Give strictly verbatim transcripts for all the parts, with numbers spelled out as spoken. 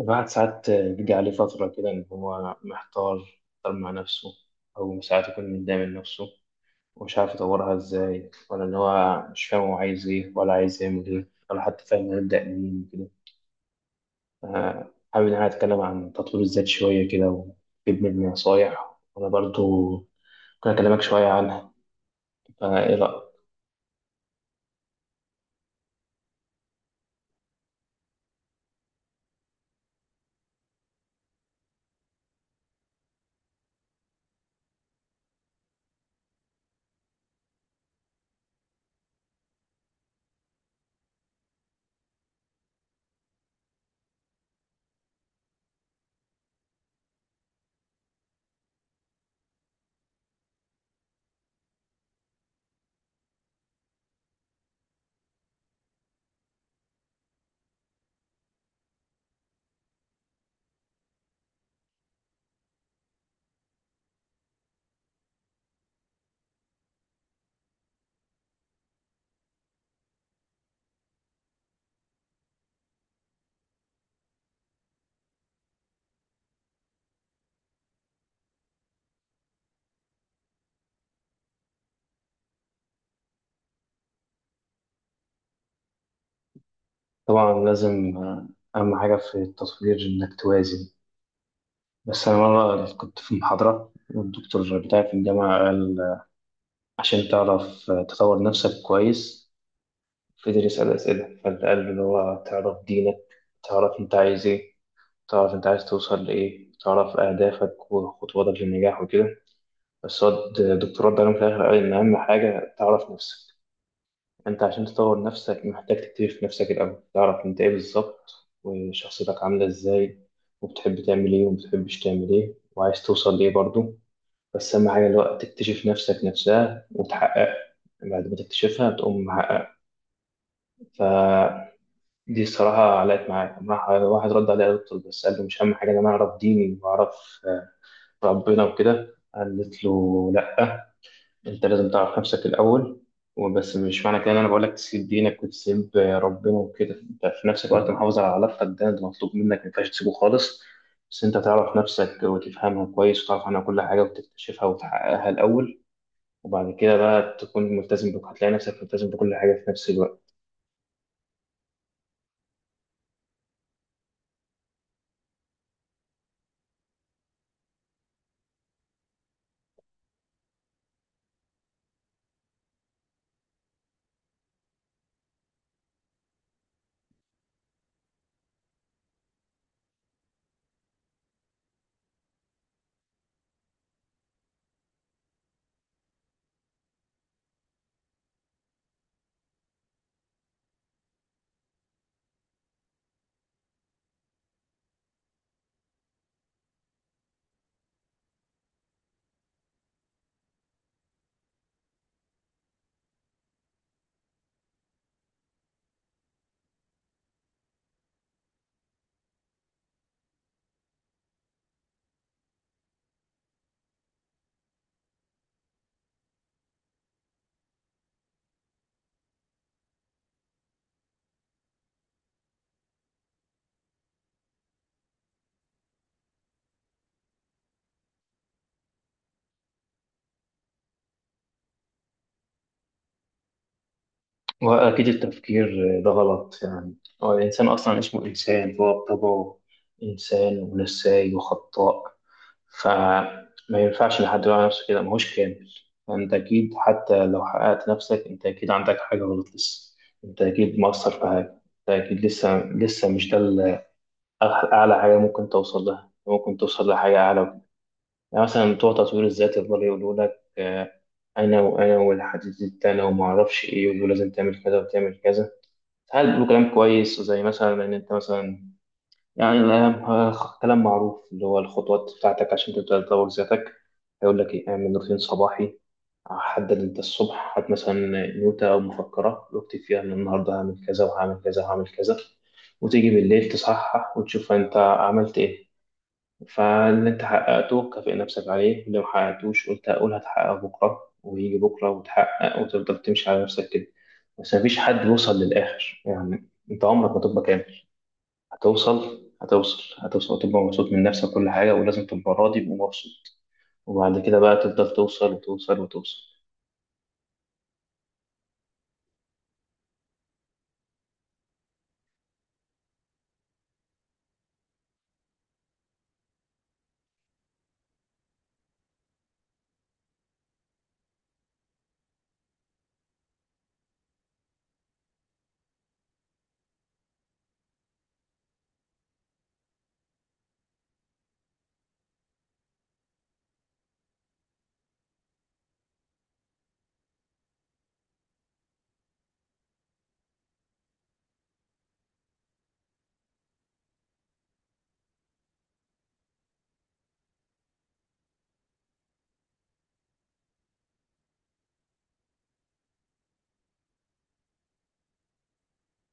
الواحد ساعات بيجي عليه فترة كده إن هو محتار. محتار مع نفسه، أو ساعات يكون متضايق من نفسه ومش عارف يطورها إزاي، ولا إن هو مش فاهم هو عايز إيه، ولا عايز يعمل إيه، ولا حتى فاهم هيبدأ منين كده. آه، حابب إن أنا أتكلم عن تطوير الذات شوية كده وأجيب مني نصايح، وأنا برضو ممكن أكلمك شوية عنها. فإيه رأيك؟ طبعا لازم، آه، أهم حاجة في التطوير إنك توازن. بس أنا مرة كنت في محاضرة والدكتور بتاعي في الجامعة قال عشان تعرف تطور نفسك كويس، فضل يسأل أسئلة فأنت، قال اللي هو تعرف دينك، تعرف أنت عايز إيه، تعرف أنت عايز توصل لإيه، تعرف أهدافك وخطواتك للنجاح وكده. بس هو الدكتوراه ده في الآخر قال إن أهم حاجة تعرف نفسك. أنت عشان تطور نفسك محتاج تكتشف نفسك الأول، تعرف أنت إيه بالظبط وشخصيتك عاملة إزاي، وبتحب تعمل إيه ومبتحبش تعمل إيه، وعايز توصل لإيه برضه. بس أهم حاجة الوقت تكتشف نفسك نفسها وتحقق، بعد ما تكتشفها بتقوم محقق. فدي الصراحة علقت معايا، راح واحد رد عليا دكتور بس قال له، مش أهم حاجة إن أنا أعرف ديني وأعرف ربنا وكده؟ قالت له لأ، أنت لازم تعرف نفسك الأول. وبس مش معنى كده إن أنا بقول لك تسيب دينك وتسيب ربنا وكده، أنت في نفس الوقت محافظ على علاقتك، ده ده مطلوب منك مينفعش تسيبه خالص. بس أنت تعرف نفسك وتفهمها كويس وتعرف عنها كل حاجة وتكتشفها وتحققها الأول، وبعد كده بقى تكون ملتزم بك، هتلاقي نفسك ملتزم بكل حاجة في نفس الوقت. وأكيد التفكير ده غلط يعني. هو الإنسان أصلا اسمه إنسان، هو بطبعه إنسان ونساي وخطاء. فما ينفعش لحد يقول على نفسه كده ماهوش كامل. فأنت أكيد حتى لو حققت نفسك، أنت أكيد عندك حاجة غلط لسه، أنت أكيد مقصر في حاجة، أنت أكيد لسه لسه مش ده ال- أعلى حاجة ممكن توصل لها، ممكن توصل لحاجة أعلى. يعني مثلا بتوع تطوير الذات يفضلوا يقولوا لك، آه، أنا وأنا والحديد التاني وما أعرفش إيه ولازم تعمل كذا وتعمل كذا. ساعات بيقولوا كلام كويس زي مثلا إن أنت مثلا يعني، آه، كلام معروف اللي هو الخطوات بتاعتك عشان تبدأ تطور ذاتك. هيقول لك إيه، اعمل روتين صباحي، حدد أنت الصبح، هات مثلا نوتة أو مفكرة واكتب فيها إن النهاردة هعمل كذا وهعمل كذا وهعمل كذا، وتيجي بالليل تصحح وتشوف أنت عملت إيه. فاللي انت حققته كافئ نفسك عليه، واللي ما حققتوش قلت هقول هتحقق بكرة، ويجي بكرة وتحقق، وتفضل تمشي على نفسك كده. بس مفيش حد بيوصل للآخر يعني، انت عمرك ما تبقى كامل. هتوصل هتوصل هتوصل وتبقى مبسوط من نفسك كل حاجة، ولازم تبقى راضي ومبسوط. وبعد كده بقى تفضل توصل وتوصل وتوصل.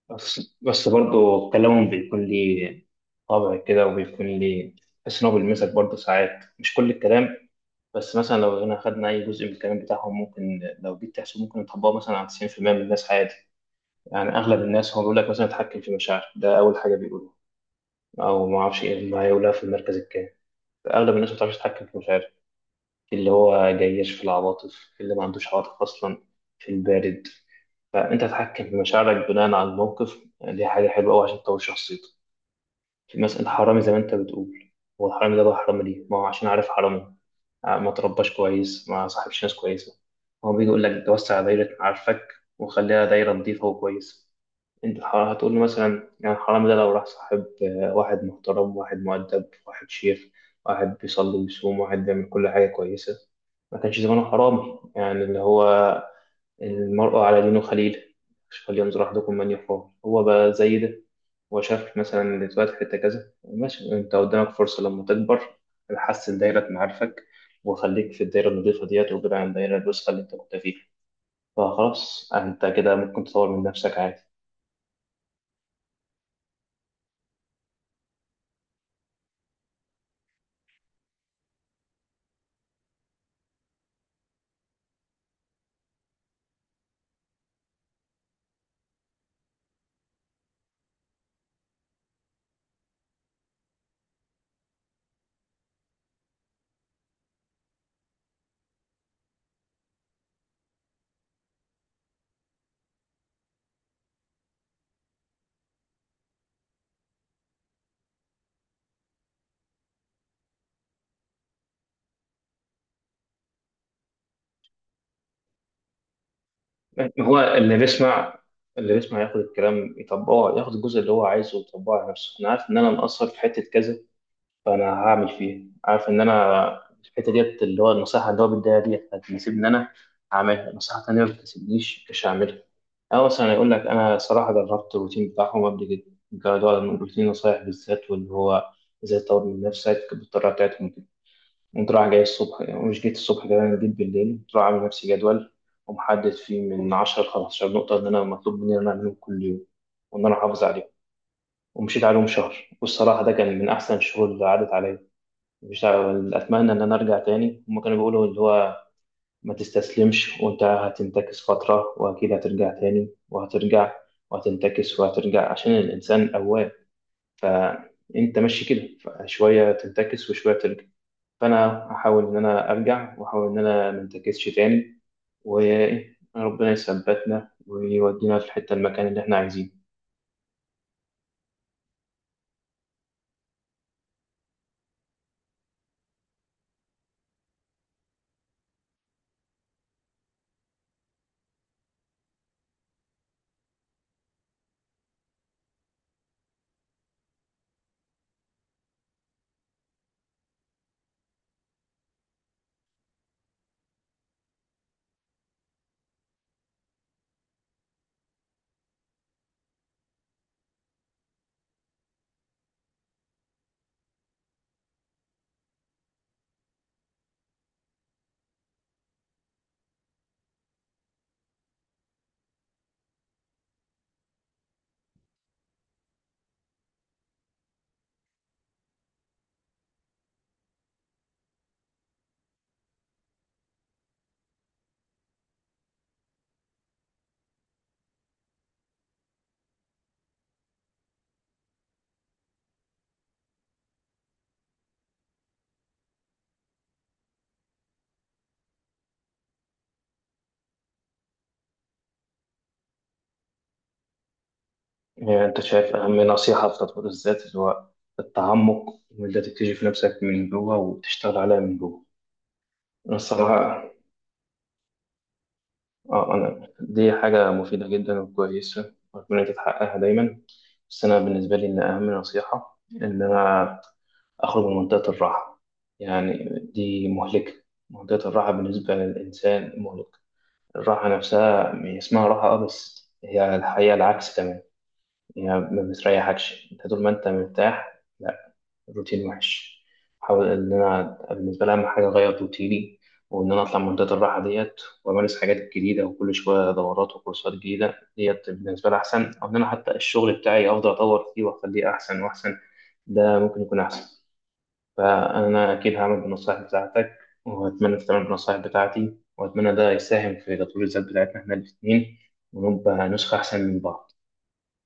بس بس برضه كلامهم بيكون ليه طابع كده، وبيكون ليه، تحس إن هو بيلمسك برضه ساعات، مش كل الكلام. بس مثلا لو هنا خدنا أي جزء من الكلام بتاعهم ممكن، لو جيت تحسب ممكن نطبقه مثلا على تسعين في المية من الناس عادي. يعني أغلب الناس هو بيقول لك مثلا اتحكم في مشاعرك، ده أول حاجة بيقولوها، أو ما أعرفش إيه ما يقولها في المركز الكام. أغلب الناس ما بتعرفش تتحكم في مشاعرها، اللي هو جيش في العواطف اللي ما عندوش عواطف أصلا، في البارد. فأنت تتحكم في مشاعرك بناء على الموقف، دي حاجة حلوة أوي عشان تطور شخصيتك. في مثلا الحرامي زي ما أنت بتقول، هو الحرامي ده بقى حرامي ليه؟ ما هو عشان عارف حرامي، آه، ما ترباش كويس، ما صاحبش ناس كويسة. هو بيجي يقول لك توسع دايرة معارفك، وخليها دايرة نظيفة وكويسة. انت ح- هتقول لي مثلا، يعني الحرامي ده لو راح صاحب آه، واحد محترم، واحد مؤدب، واحد شيخ، واحد بيصلي ويصوم، واحد بيعمل كل حاجة كويسة، ما كانش زمانه حرامي، يعني اللي هو المرء على دينه خليل، فلينظر أحدكم من يخاف. هو بقى زي ده، وشاف مثلا اللي اتولد في حتة كذا، ماشي انت قدامك فرصة لما تكبر، حسن دايرة معارفك، وخليك في الدايرة النضيفة ديت، وابعد عن الدايرة الوسخة اللي انت كنت فيها، فخلاص انت كده ممكن تطور من نفسك عادي. هو اللي بيسمع، اللي بيسمع ياخد الكلام يطبقه، ياخد الجزء اللي هو عايزه ويطبقه على نفسه. انا عارف ان انا مقصر في حتة كذا، فانا هعمل فيها. عارف ان انا الحته ديت اللي هو النصيحه اللي هو بيديها ديت هتناسبني، ان انا هعملها. نصيحه تانيه ما بتناسبنيش مش هعملها. او مثلا يقول لك، انا صراحه جربت الروتين بتاعهم قبل كده، جربوا الروتين نصايح بالذات واللي هو ازاي تطور من نفسك بالطريقه بتاعتهم كده. قمت رايح جاي الصبح، يعني مش جيت الصبح كمان جيت بالليل، قمت رايح عامل لنفسي جدول ومحدد فيه من عشرة ل خمسة عشر نقطه ان انا مطلوب مني ان انا اعملهم كل يوم وان انا احافظ عليهم. ومشيت عليهم شهر، والصراحه ده كان من احسن الشهور اللي عدت عليا. مش ع- اتمنى ان انا ارجع تاني. هما كانوا بيقولوا اللي هو ما تستسلمش، وانت هتنتكس فتره واكيد هترجع تاني، وهترجع وهتنتكس وهترجع، عشان الانسان اواب. فانت ماشي كده، شويه تنتكس وشويه ترجع. فانا هحاول ان انا ارجع واحاول ان انا ما انتكسش تاني، وربنا يثبتنا ويودينا في الحته المكان اللي احنا عايزينه. إيه، انت شايف اهم نصيحه في تطوير الذات اللي هو التعمق، وان انت تكتشف نفسك من جوه وتشتغل عليها من جوه. الصراحة اه، انا دي حاجة مفيدة جدا وكويسة واتمنى تتحققها دايما. بس انا بالنسبة لي ان اهم نصيحة ان انا اخرج من منطقة الراحة. يعني دي مهلكة، منطقة الراحة بالنسبة للانسان مهلكة. الراحة نفسها هي اسمها راحة اه، بس هي الحقيقة العكس تماما، هي ما بتريحكش. انت طول ما انت مرتاح روتين وحش. احاول ان انا بالنسبه لي اهم حاجه اغير روتيني، وان انا اطلع من منطقه الراحه ديت، وامارس حاجات جديده وكل شويه دورات وكورسات جديده، ديت بالنسبه لي احسن. او ان انا حتى الشغل بتاعي افضل اطور فيه واخليه احسن واحسن، ده ممكن يكون احسن. فانا اكيد هعمل بالنصائح بتاعتك، واتمنى تتعمل بالنصائح بتاعتي، واتمنى ده يساهم في تطوير الذات بتاعتنا احنا الاثنين، ونبقى نسخه احسن من بعض.